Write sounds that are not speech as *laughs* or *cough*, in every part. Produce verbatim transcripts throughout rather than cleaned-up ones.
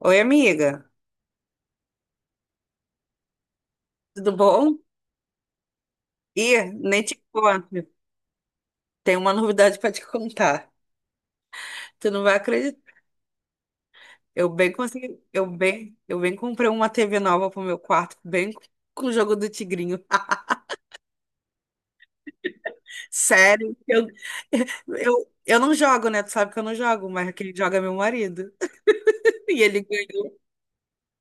Oi, amiga, tudo bom? Ih, nem te conto. Tem uma novidade para te contar. Tu não vai acreditar. Eu bem consegui, eu bem, eu bem comprei uma T V nova pro meu quarto, bem com o jogo do Tigrinho. *laughs* Sério, eu, eu, eu não jogo, né? Tu sabe que eu não jogo, mas quem joga é meu marido. *laughs* E ele ganha.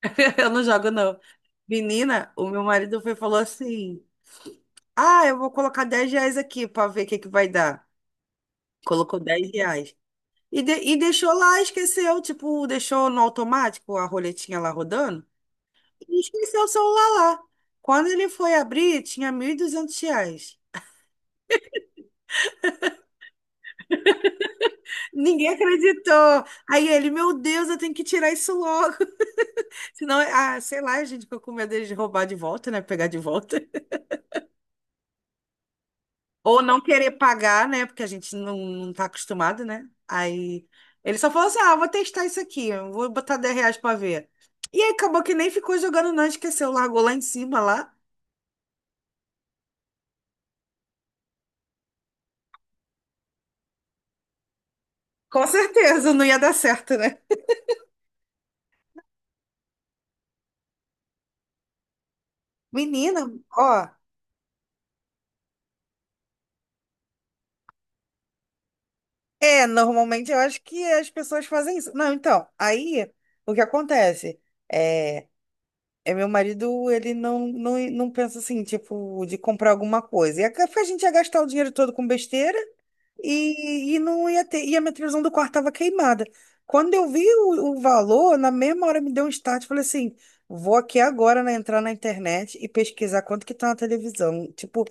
*laughs* eu não jogo, não. Menina, o meu marido foi e falou assim: ah, eu vou colocar dez reais aqui para ver o que que vai dar. Colocou dez reais. E, de- e deixou lá, esqueceu, tipo, deixou no automático a roletinha lá rodando e esqueceu o celular lá. Quando ele foi abrir, tinha mil e duzentos reais. Ninguém acreditou. Aí ele, meu Deus, eu tenho que tirar isso logo. *laughs* Senão, ah, sei lá, a gente ficou com medo de roubar de volta, né? Pegar de volta. *laughs* Ou não querer pagar, né? Porque a gente não, não tá acostumado, né? Aí ele só falou assim: ah, vou testar isso aqui, eu vou botar dez reais pra ver. E aí acabou que nem ficou jogando, não, esqueceu, largou lá em cima lá. Com certeza, não ia dar certo, né? Menina, ó, é, normalmente eu acho que as pessoas fazem isso. Não, então, aí o que acontece é, é meu marido, ele não, não, não pensa assim, tipo, de comprar alguma coisa. E a, a gente ia gastar o dinheiro todo com besteira e, e não ia ter. E a minha televisão do quarto tava queimada. Quando eu vi o, o valor, na mesma hora me deu um start, falei assim, vou aqui agora, né, entrar na internet e pesquisar quanto que tá na televisão. Tipo,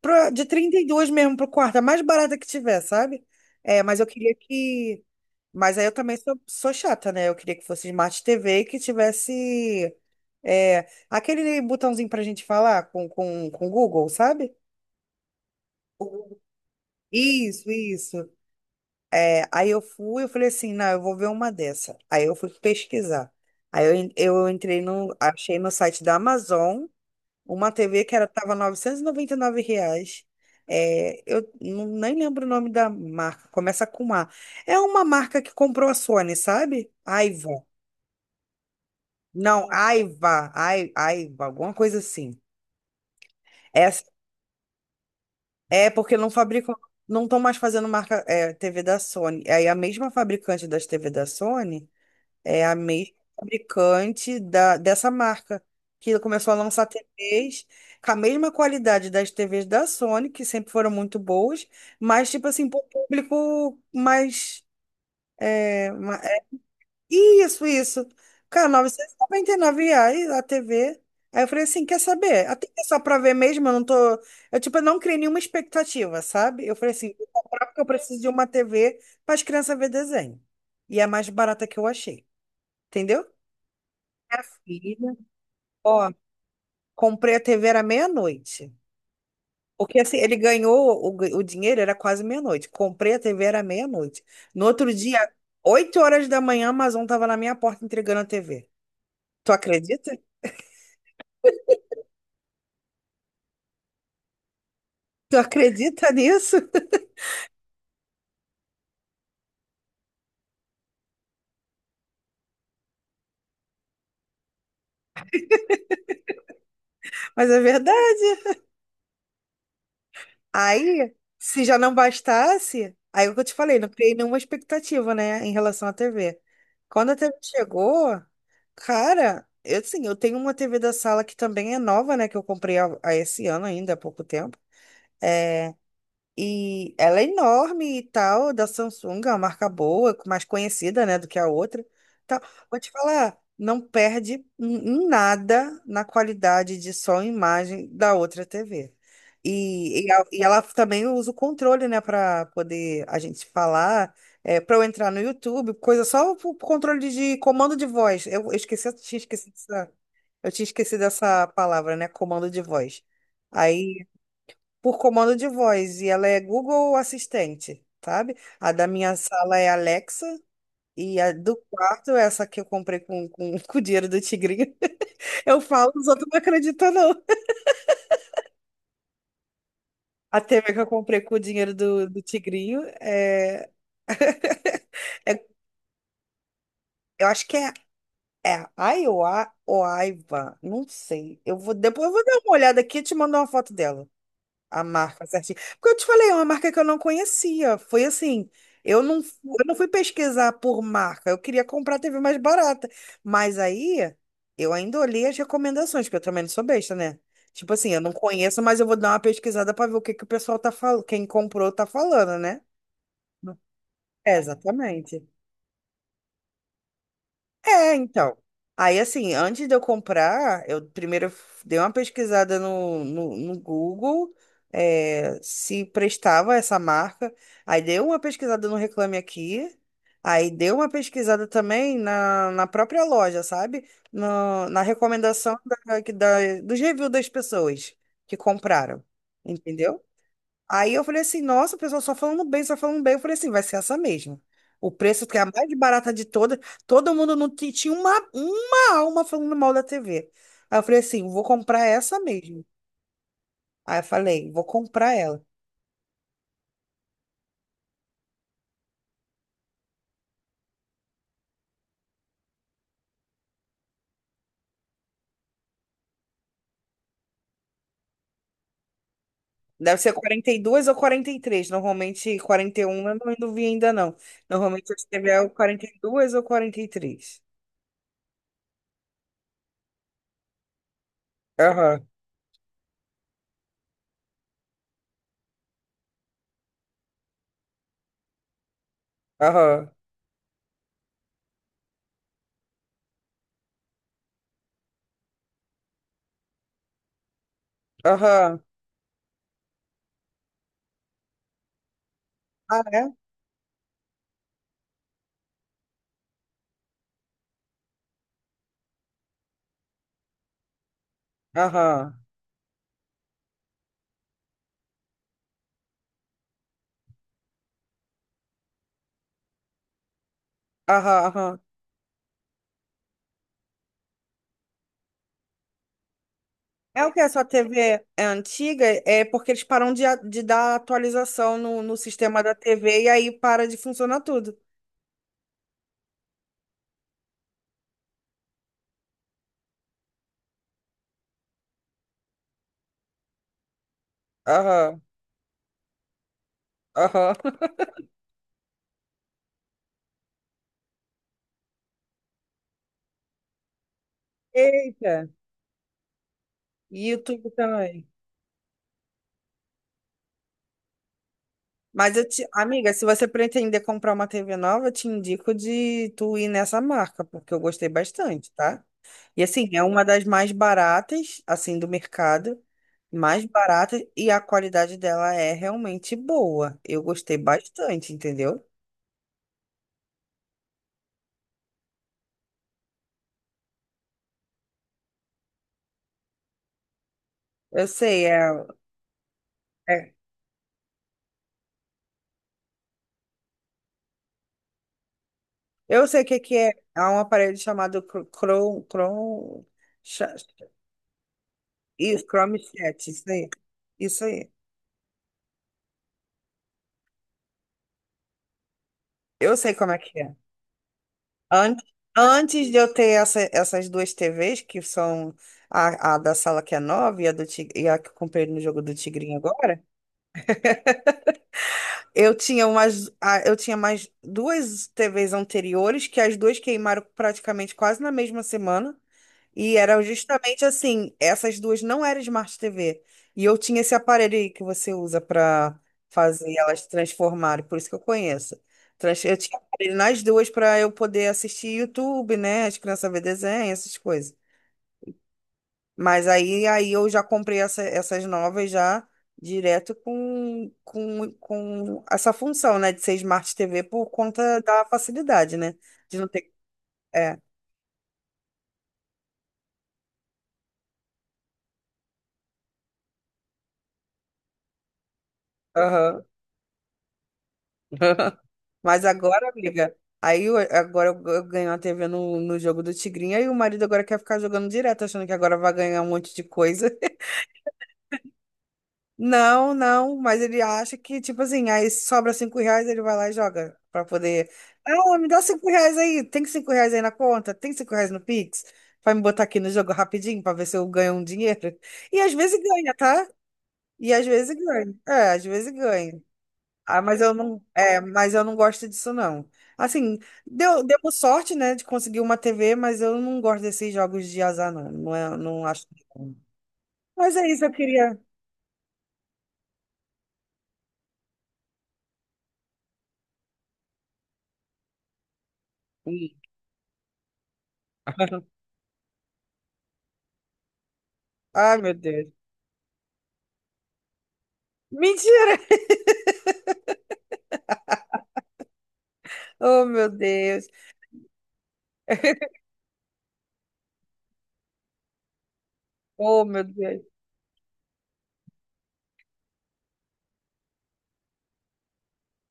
Pra, de trinta e dois mesmo pro quarto, a mais barata que tiver, sabe? É, mas eu queria que. Mas aí eu também sou, sou chata, né? Eu queria que fosse Smart T V e que tivesse. É, aquele botãozinho pra gente falar com, com, com o Google, sabe? O Google. Isso, isso. É, aí eu fui, eu falei assim, não, eu vou ver uma dessa. Aí eu fui pesquisar. Aí eu, en- eu entrei no, achei no site da Amazon. Uma T V que era, tava novecentos e noventa e nove reais. É, eu não- nem lembro o nome da marca. Começa com A. É uma marca que comprou a Sony, sabe? Aiva. Não, Aiva. Ai, Aiva, alguma coisa assim. Essa, é porque não fabricam, não estão mais fazendo marca, é, T V da Sony. Aí a mesma fabricante das T V da Sony. É a mesma fabricante da, dessa marca, que começou a lançar T Vs com a mesma qualidade das T Vs da Sony, que sempre foram muito boas, mas, tipo assim, para o público mais. É, ma- é, isso, isso. Cara, R novecentos e noventa e nove reais a T V. Aí eu falei assim: quer saber? Até que é só pra ver mesmo, eu não tô. Eu, tipo, eu não criei nenhuma expectativa, sabe? Eu falei assim: vou comprar porque eu preciso de uma T V para as crianças ver desenho. E é a mais barata que eu achei. Entendeu? Minha filha, ó, comprei a T V era meia-noite. Porque assim, ele ganhou o, gan- o dinheiro, era quase meia-noite. Comprei a T V era meia-noite. No outro dia, oito horas da manhã, a Amazon tava na minha porta entregando a T V. Tu acredita? Tu acredita nisso? *laughs* Mas é verdade. Aí, se já não bastasse, aí é o que eu te falei, não criei nenhuma expectativa, né, em relação à T V. Quando a T V chegou, cara, eu sim eu tenho uma T V da sala que também é nova, né, que eu comprei há, há esse ano ainda, há pouco tempo. É, e ela é enorme e tal, da Samsung, é uma marca boa, mais conhecida, né, do que a outra. Tal. Vou te falar, não perde em em nada na qualidade de som e imagem da outra T V. E, e, a- e ela também usa o controle, né, para poder a gente falar, para eu entrar no YouTube, coisa só o o controle de comando de voz. Eu, eu esqueci, tinha esquecido essa, eu tinha esquecido essa palavra, né, comando de voz. aí por comando de voz e ela é Google Assistente, sabe? A da minha sala é Alexa e a do quarto, é essa que eu comprei com, com, *laughs* com o dinheiro do Tigrinho. *laughs* Eu falo, os outros não acreditam, não. A T V que eu comprei com o dinheiro do, do Tigrinho é, é- eu acho que é, é Iowa ou Aiva, não sei. Eu vou, depois eu vou dar uma olhada aqui e te mando uma foto dela. A marca certinha. Porque eu te falei, é uma marca que eu não conhecia. Foi assim, eu não, fu- eu não fui pesquisar por marca. Eu queria comprar a T V mais barata. Mas aí, eu ainda olhei as recomendações, porque eu também não sou besta, né? Tipo assim, eu não conheço, mas eu vou dar uma pesquisada para ver o que que o pessoal tá falando, quem comprou tá falando, né? É, exatamente. É, então. Aí, assim, antes de eu comprar, eu primeiro dei uma pesquisada no, no, no Google, é, se prestava essa marca. Aí dei uma pesquisada no Reclame Aqui. Aí dei uma pesquisada também na, na própria loja, sabe? No- na recomendação da, que da- dos reviews das pessoas que compraram. Entendeu? Aí eu falei assim, nossa, o pessoal só falando bem, só falando bem. Eu falei assim, vai ser essa mesmo. O preço que é a mais barata de todas, todo mundo não ti- tinha uma, uma alma falando mal da T V. Aí eu falei assim, vou comprar essa mesmo. Aí eu falei, vou comprar ela. Deve ser quarenta e dois ou quarenta e três. Normalmente quarenta e um, eu não não vi ainda não. Normalmente as T V é o quarenta e dois ou quarenta e três. Aham, aham, aham. Ah, é? Aham, aham, aham. É o que? A sua T V é antiga? É porque eles param de, a- de dar atualização no, no sistema da T V e aí para de funcionar tudo. Aham, aham. *laughs* Eita, e YouTube também. Mas eu te, amiga, se você pretender comprar uma T V nova, eu te indico de tu ir nessa marca, porque eu gostei bastante, tá? E assim, é uma das mais baratas, assim, do mercado, mais barata e a qualidade dela é realmente boa. Eu gostei bastante, entendeu? Eu sei, é, é eu sei o que que é. Há um aparelho chamado Cro- Chrome, Chrome, cha- isso, Chrome Chat, isso aí. Isso aí. Eu sei como é que é. Antes, antes de eu ter essa- essas duas T Vs, que são a, a da sala que é nova e a, do Ti- e a que eu comprei no jogo do Tigrinho agora, eu tinha umas, a- eu tinha mais duas T Vs anteriores, que as duas queimaram praticamente quase na mesma semana. E eram justamente assim, essas duas não eram Smart T V. E eu tinha esse aparelho aí que você usa para fazer elas transformarem, por isso que eu conheço. Trans- Eu tinha aparelho nas duas para eu poder assistir YouTube, né? As crianças ver desenho, essas coisas. Mas aí, aí eu já comprei essa- essas novas já direto com, com, com essa função, né? De ser Smart T V por conta da facilidade, né? De não ter. É. Aham. *laughs* Mas agora, amiga, aí eu- agora eu eu ganho a T V no, no jogo do Tigrinho, aí o marido agora quer ficar jogando direto, achando que agora vai ganhar um monte de coisa. *laughs* Não, não, mas ele acha que, tipo assim, aí sobra cinco reais, ele vai lá e joga pra poder. Ah, me dá cinco reais aí, tem cinco reais aí na conta? Tem cinco reais no Pix? Vai me botar aqui no jogo rapidinho pra ver se eu ganho um dinheiro? E às vezes ganha, tá? E às vezes ganha. É, às vezes ganha. Ah, mas eu não, é, mas eu não gosto disso não. Assim, deu, deu sorte, né, de conseguir uma T V, mas eu não gosto desses jogos de azar não, não, é- não acho legal. Mas é isso, eu queria. Ih. Ai, meu Deus. Mentira! *laughs* Oh, meu Deus. *laughs* Oh, meu Deus.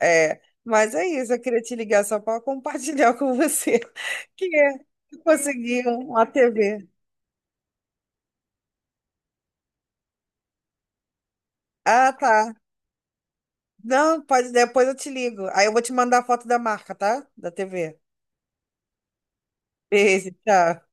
É, mas é isso, eu queria te ligar só para compartilhar com você *laughs* que eu consegui uma T V. Ah, tá. Não, pode, depois eu te ligo. Aí eu vou te mandar a foto da marca, tá? Da T V. Beijo, tchau.